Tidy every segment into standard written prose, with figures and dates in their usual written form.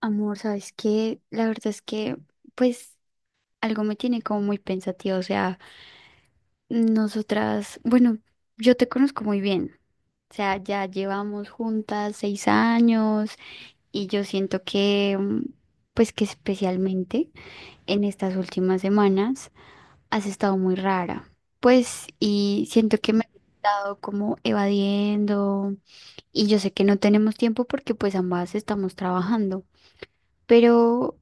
Amor, ¿sabes qué? La verdad es que, pues, algo me tiene como muy pensativa. O sea, nosotras, bueno, yo te conozco muy bien. O sea, ya llevamos juntas 6 años y yo siento que, pues, que especialmente en estas últimas semanas has estado muy rara. Pues, y siento que me has estado como evadiendo y yo sé que no tenemos tiempo porque, pues, ambas estamos trabajando. Pero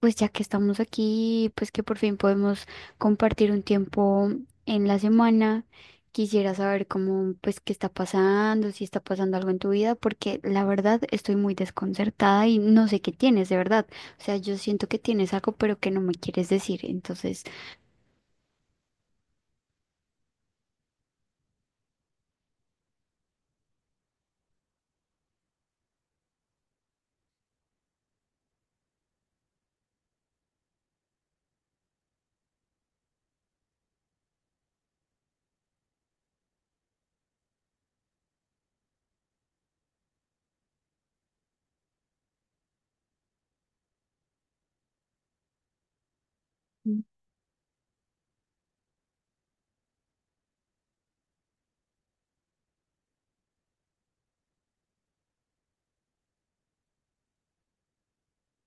pues ya que estamos aquí, pues que por fin podemos compartir un tiempo en la semana, quisiera saber cómo, pues qué está pasando, si está pasando algo en tu vida, porque la verdad estoy muy desconcertada y no sé qué tienes, de verdad. O sea, yo siento que tienes algo, pero que no me quieres decir. Entonces,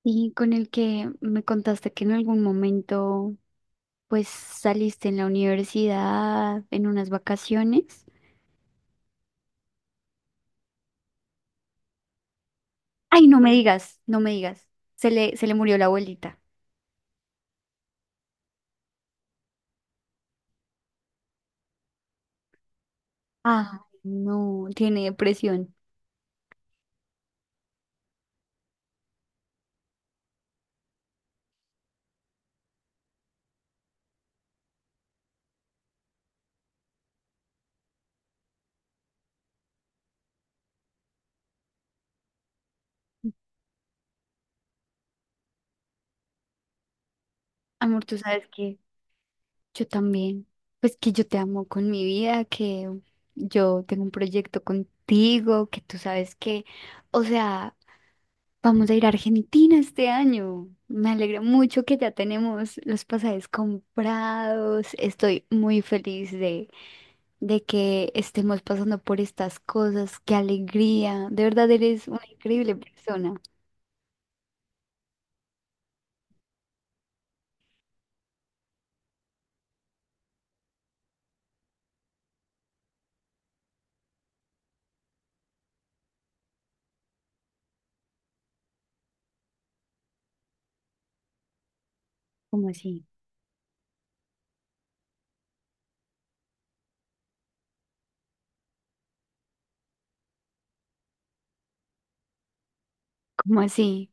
y con el que me contaste que en algún momento, pues saliste en la universidad, en unas vacaciones. Ay, no me digas, no me digas. Se le murió la abuelita. Ah, no, tiene depresión. Amor, tú sabes que yo también, pues que yo te amo con mi vida, que yo tengo un proyecto contigo, que tú sabes que, o sea, vamos a ir a Argentina este año. Me alegra mucho que ya tenemos los pasajes comprados. Estoy muy feliz de que estemos pasando por estas cosas. Qué alegría. De verdad eres una increíble persona. ¿Cómo así? ¿Cómo así?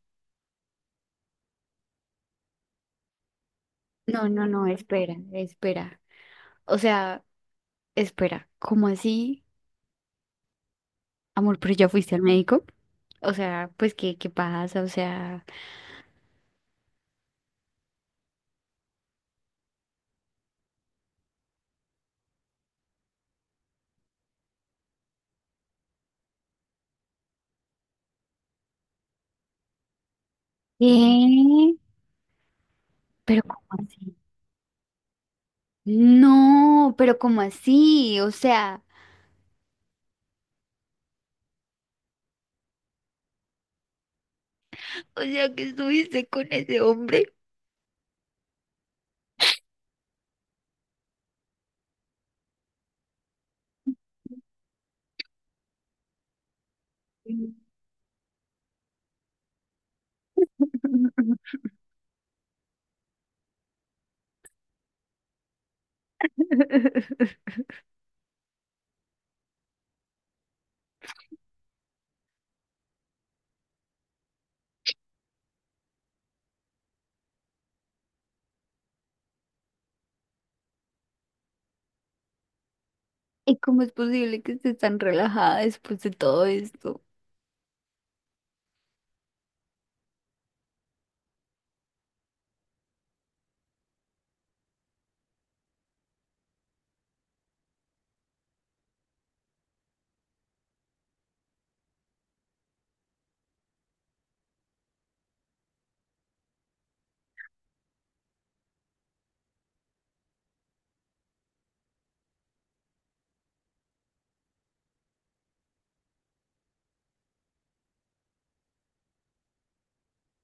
No, no, no, espera, espera. O sea, espera, ¿cómo así? Amor, pero ya fuiste al médico. O sea, pues, ¿qué, qué pasa? O sea, ¿qué? ¿Pero cómo así? No, pero ¿cómo así? O sea, que estuviste con ese hombre. ¿Y cómo es posible que estés tan relajada después de todo esto?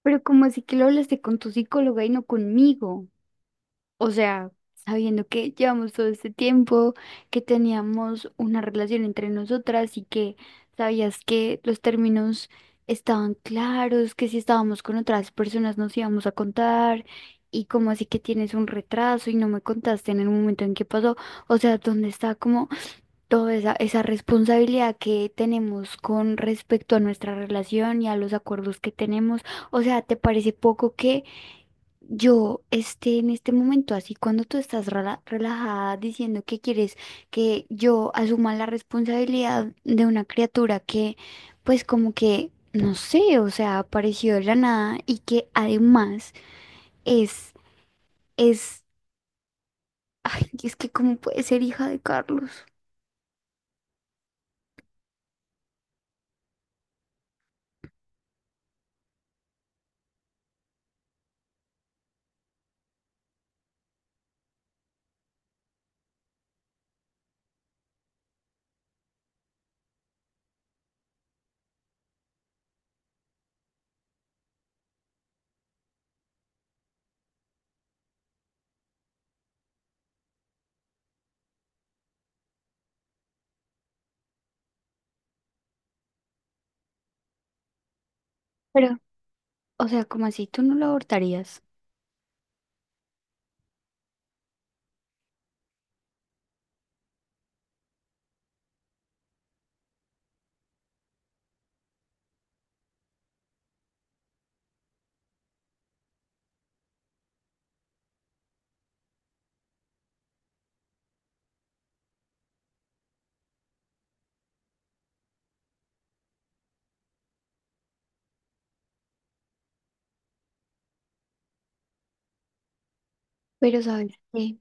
Pero ¿cómo así que lo hablaste con tu psicóloga y no conmigo? O sea, sabiendo que llevamos todo este tiempo, que teníamos una relación entre nosotras y que sabías que los términos estaban claros, que si estábamos con otras personas nos íbamos a contar y como así que tienes un retraso y no me contaste en el momento en que pasó. O sea, ¿dónde está como toda esa, esa responsabilidad que tenemos con respecto a nuestra relación y a los acuerdos que tenemos? O sea, ¿te parece poco que... Yo, este, en este momento, así cuando tú estás relajada diciendo que quieres que yo asuma la responsabilidad de una criatura que, pues como que, no sé, o sea, apareció de la nada y que además es, es, ay, es que cómo puede ser hija de Carlos. Pero, o sea, como así, tú no la abortarías. Pero, ¿sabes qué?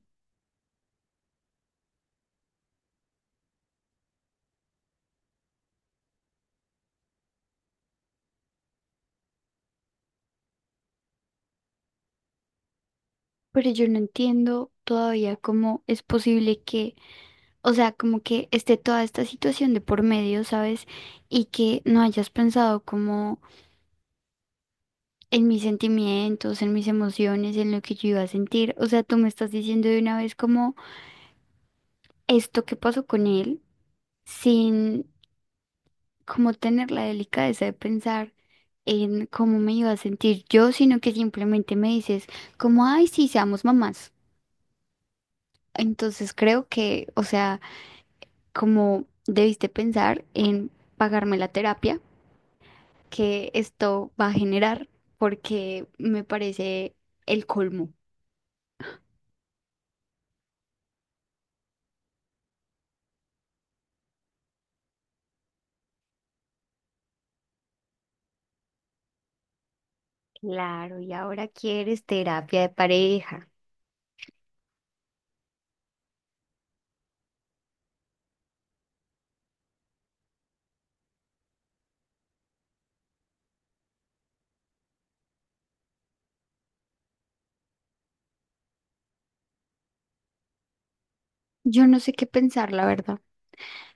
Pero yo no entiendo todavía cómo es posible que o sea, como que esté toda esta situación de por medio, ¿sabes? Y que no hayas pensado como en mis sentimientos, en mis emociones, en lo que yo iba a sentir. O sea, tú me estás diciendo de una vez como esto que pasó con él, sin como tener la delicadeza de pensar en cómo me iba a sentir yo, sino que simplemente me dices como, ay, sí, seamos mamás. Entonces creo que, o sea, como debiste pensar en pagarme la terapia que esto va a generar, porque me parece el colmo. Claro, y ahora quieres terapia de pareja. Yo no sé qué pensar, la verdad.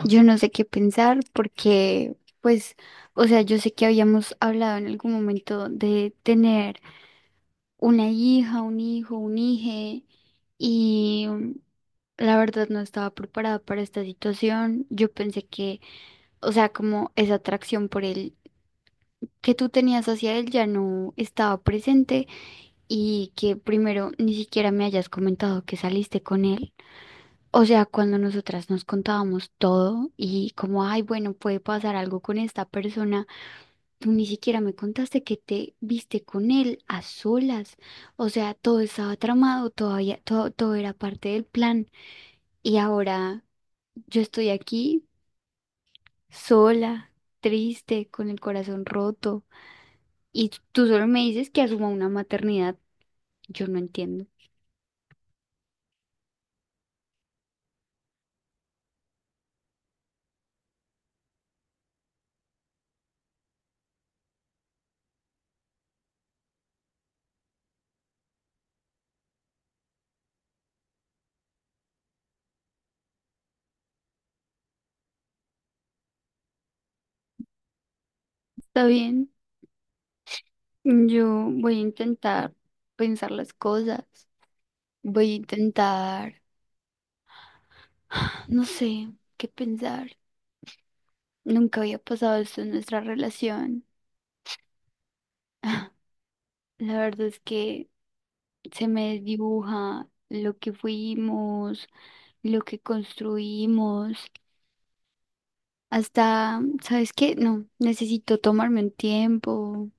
Yo no sé qué pensar porque, pues, o sea, yo sé que habíamos hablado en algún momento de tener una hija, un hijo, un hije, y la verdad no estaba preparada para esta situación. Yo pensé que, o sea, como esa atracción por él que tú tenías hacia él ya no estaba presente y que primero ni siquiera me hayas comentado que saliste con él. O sea, cuando nosotras nos contábamos todo y como, ay, bueno, puede pasar algo con esta persona, tú ni siquiera me contaste que te viste con él a solas. O sea, todo estaba tramado, todavía, todo, todo era parte del plan. Y ahora yo estoy aquí sola, triste, con el corazón roto. Y tú solo me dices que asuma una maternidad. Yo no entiendo. Está bien, yo voy a intentar pensar las cosas. Voy a intentar, no sé qué pensar. Nunca había pasado esto en nuestra relación. La verdad es que se me desdibuja lo que fuimos, lo que construimos. Hasta, ¿sabes qué? No, necesito tomarme un tiempo,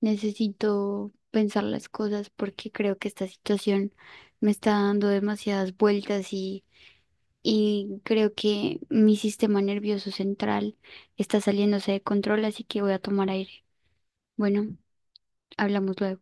necesito pensar las cosas porque creo que esta situación me está dando demasiadas vueltas y creo que mi sistema nervioso central está saliéndose de control, así que voy a tomar aire. Bueno, hablamos luego.